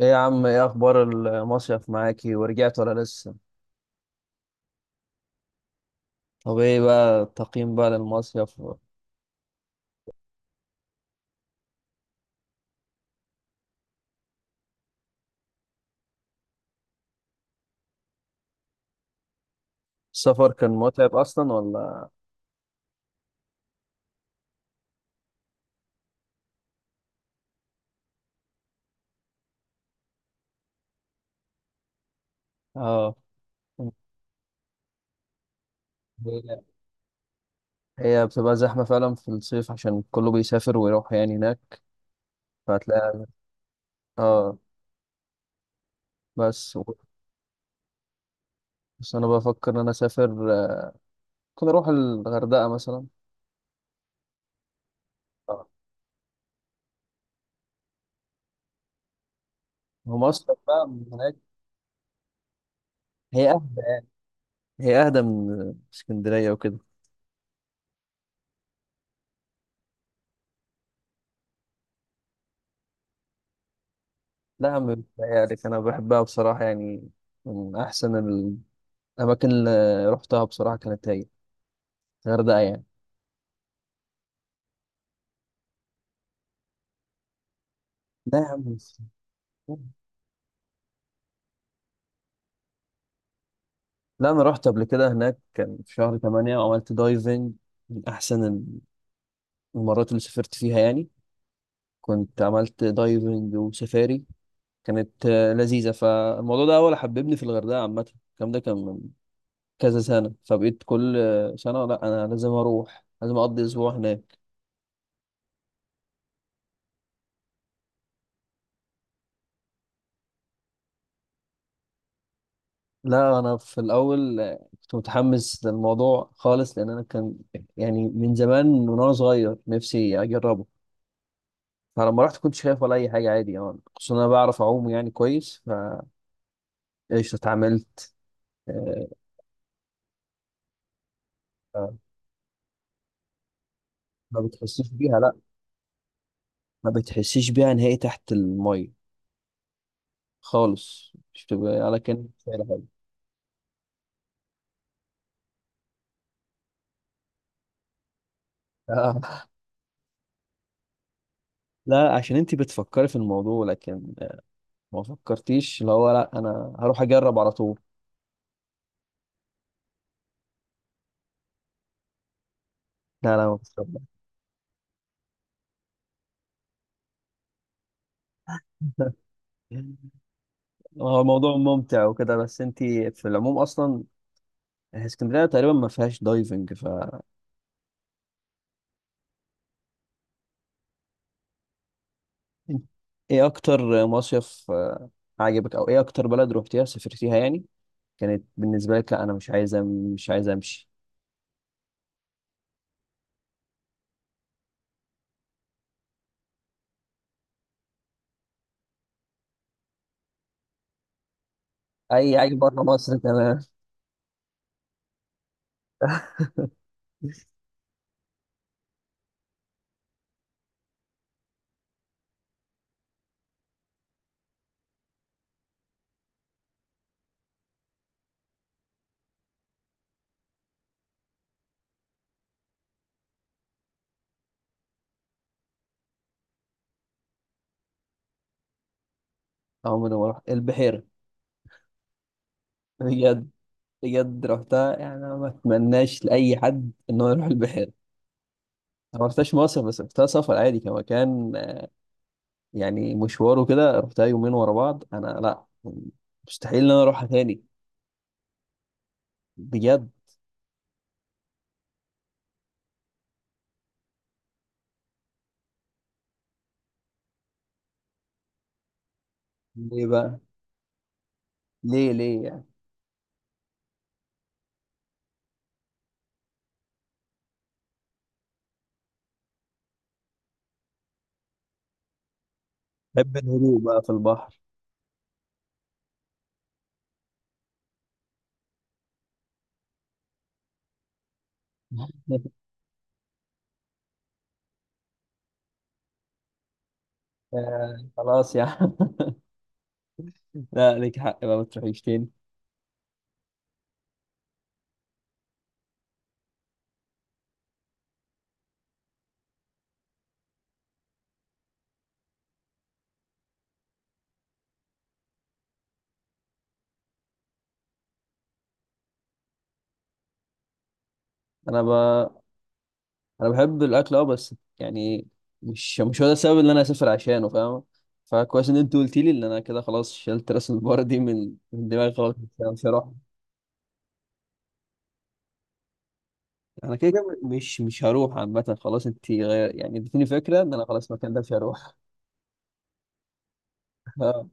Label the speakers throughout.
Speaker 1: ايه يا عم، ايه اخبار المصيف معاكي؟ ورجعت ولا لسه؟ طب ايه بقى التقييم بقى للمصيف؟ السفر كان متعب اصلا ولا؟ اه. هي بتبقى زحمة فعلا في الصيف، عشان كله بيسافر ويروح يعني هناك، فهتلاقي. اه. بس بس انا بفكر ان انا اسافر، ممكن اروح الغردقة مثلا. آه. هو مصيف بقى من هناك. هي اهدى. اهدى من اسكندرية وكده. لا يا عم، بتهيألك، انا بحبها بصراحة يعني. من احسن الأماكن اللي رحتها بصراحة كانت هي الغردقة يعني. لا يا عم مش- لا، أنا رحت قبل كده هناك، كان في شهر 8 وعملت دايفنج. من أحسن المرات اللي سافرت فيها يعني. كنت عملت دايفنج وسفاري، كانت لذيذة. فالموضوع ده هو اللي حببني في الغردقة عامة. الكلام ده كان من كذا سنة، فبقيت كل سنة، لا أنا لازم أروح، لازم أقضي أسبوع هناك. لا انا في الاول كنت متحمس للموضوع خالص، لان انا كان يعني من زمان، وانا صغير نفسي اجربه. فلما رحت كنت شايف ولا اي حاجه، عادي يعني، خصوصا انا بعرف اعوم يعني كويس. فايش اتعاملت. آه، آه، ما بتحسيش بيها لا. ما بتحسيش بيها نهائي تحت الميه خالص، مش بتبقى على كان مش شايله حاجه. آه، لا عشان انت بتفكري في الموضوع، لكن ما فكرتيش اللي هو لا انا هروح اجرب على طول. لا لا، ما فكرتش. هو الموضوع ممتع وكده، بس انت في العموم اصلا اسكندريه تقريبا ما فيهاش دايفنج ف. ايه اكتر مصيف عجبك؟ او ايه اكتر بلد روحتيها سافرتيها يعني كانت بالنسبه لك، لا انا مش عايزه مش عايزه امشي؟ اي اي، بره مصر، تمام. عمري ما رحت البحيره. بجد؟ بجد رحتها يعني، أنا ما اتمناش لاي حد ان هو يروح البحيره. أنا ما رحتهاش مصيف، بس رحتها سفر عادي كمكان يعني، مشواره كده، رحتها يومين ورا بعض. انا لا، مستحيل ان انا اروحها تاني. بجد. ليه بقى؟ ليه؟ يعني؟ بحب الهدوء بقى في البحر؟ خلاص يا عم. لا ليك حق بقى ما تروحيش تاني. انا ب... انا بحب الاكل اه، بس يعني مش هو ده السبب اللي انا اسافر عشانه، فاهم؟ فكويس ان انت قلت لي، ان انا كده خلاص شلت راس البار دي من دماغي خالص، مش هروح. انا كده كده مش هروح عامه خلاص. انت غير يعني، اديتيني فكره ان انا خلاص المكان ده مش هروح. اه.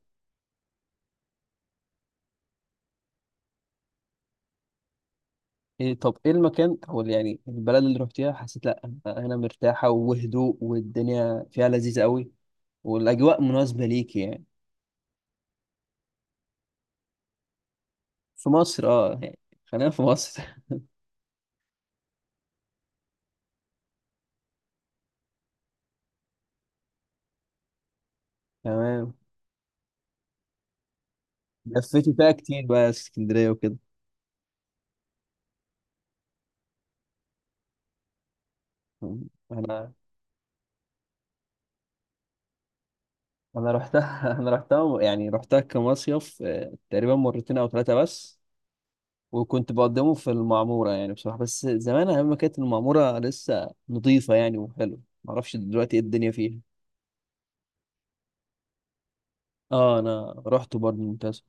Speaker 1: إيه؟ طب ايه المكان او يعني البلد اللي رحتيها حسيت لا أنا هنا مرتاحة، وهدوء، والدنيا فيها لذيذة قوي، والاجواء مناسبة ليكي يعني؟ في مصر اه يعني. خلينا في مصر. تمام. لفيتي فيها كتير بقى اسكندرية وكده. انا رحتها. انا رحتها يعني، رحتها كمصيف تقريبا مرتين او ثلاثة بس. وكنت بقدمه في المعمورة يعني بصراحة، بس زمان أيام ما كانت المعمورة لسه نظيفة يعني وحلوة، معرفش دلوقتي ايه الدنيا فيها. اه، انا رحت برضه، ممتاز.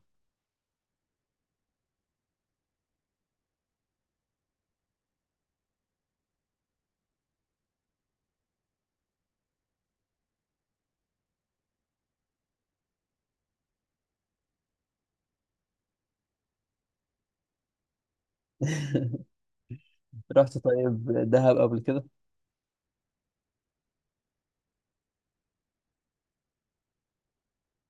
Speaker 1: رحت طيب دهب قبل كده؟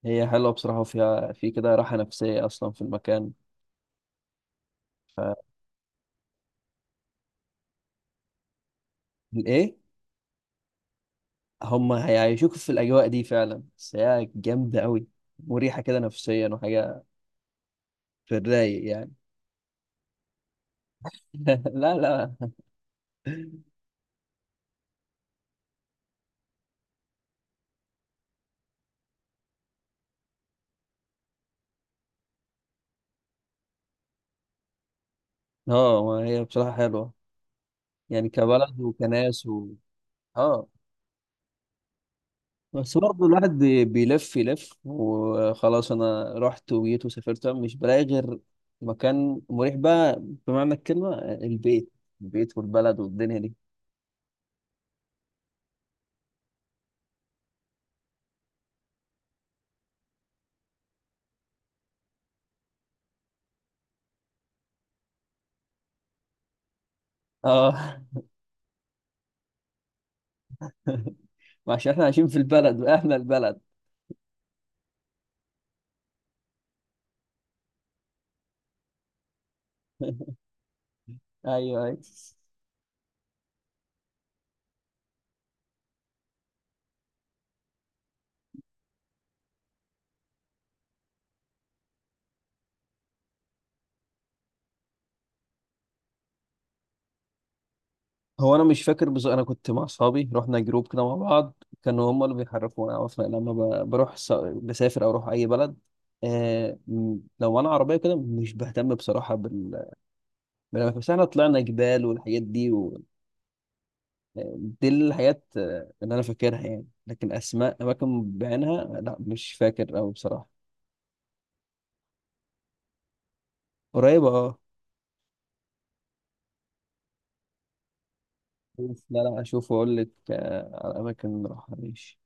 Speaker 1: هي حلوه بصراحه، وفيها في كده راحه نفسيه اصلا في المكان. فالايه. هم هيعيشوك في الاجواء دي فعلا، بس هي جامده قوي، مريحه كده نفسيا وحاجه، في الرايق يعني. لا لا. اه، ما هي بصراحه حلوه، يعني كبلد وكناس و... اه، بس برضه الواحد بيلف يلف، وخلاص انا رحت وجيت وسافرت مش بلاقي غير مكان مريح بقى، بمعنى الكلمة البيت، والبلد والدنيا دي. اه. عشان احنا عايشين في البلد واهل البلد. ايوه، ايوه. هو انا مش فاكر، بس انا كنت مع اصحابي، رحنا جروب كده مع بعض، كانوا هم اللي بيحركونا، عرفنا لما بروح بسافر او اروح اي بلد لو انا عربيه كده مش بهتم بصراحه بال... ما لما فسحنا طلعنا جبال والحاجات دي و... دي الحاجات اللي انا فاكرها يعني. لكن اسماء اماكن بعينها لا مش فاكر أوي بصراحه. قريبه اه. بس لا لا، اشوف واقول لك على اماكن راحه، ماشي.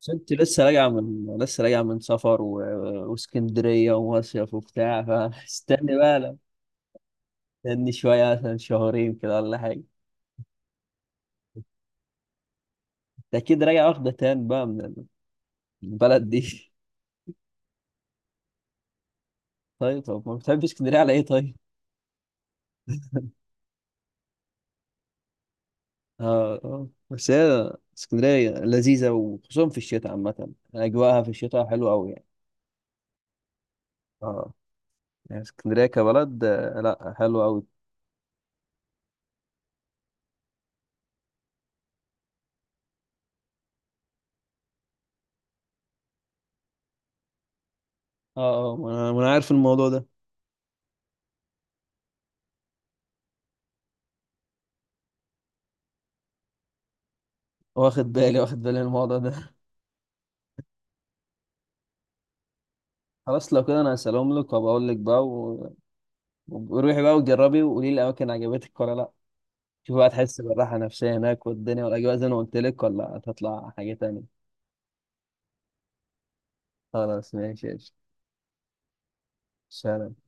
Speaker 1: بس انت لسه راجعه من، لسه راجعه من سفر و... واسكندريه ومصيف وبتاع، فاستني بقى لا. استني شويه، مثلا شهرين كده ولا حاجه. انت اكيد راجع واخده تان بقى من البلد دي. طيب. طب ما بتحبش اسكندريه على ايه طيب؟ اه. آه. بس هي اسكندرية لذيذة، وخصوصا في الشتاء عامة أجواءها في الشتاء حلوة أوي يعني. اه. يعني اسكندرية كبلد، لا حلوة أوي. اه، اه، ما أنا عارف الموضوع ده. واخد بالي من الموضوع ده. خلاص لو كده أنا هسلم لك وبقول لك بقى و... وروحي بقى وجربي وقولي لي الأماكن عجبتك ولا لا. شوفي بقى تحس بالراحة النفسية هناك والدنيا والأجواء زي ما قلت لك، ولا هتطلع حاجة تانية. خلاص ماشي يا شيخ. سلام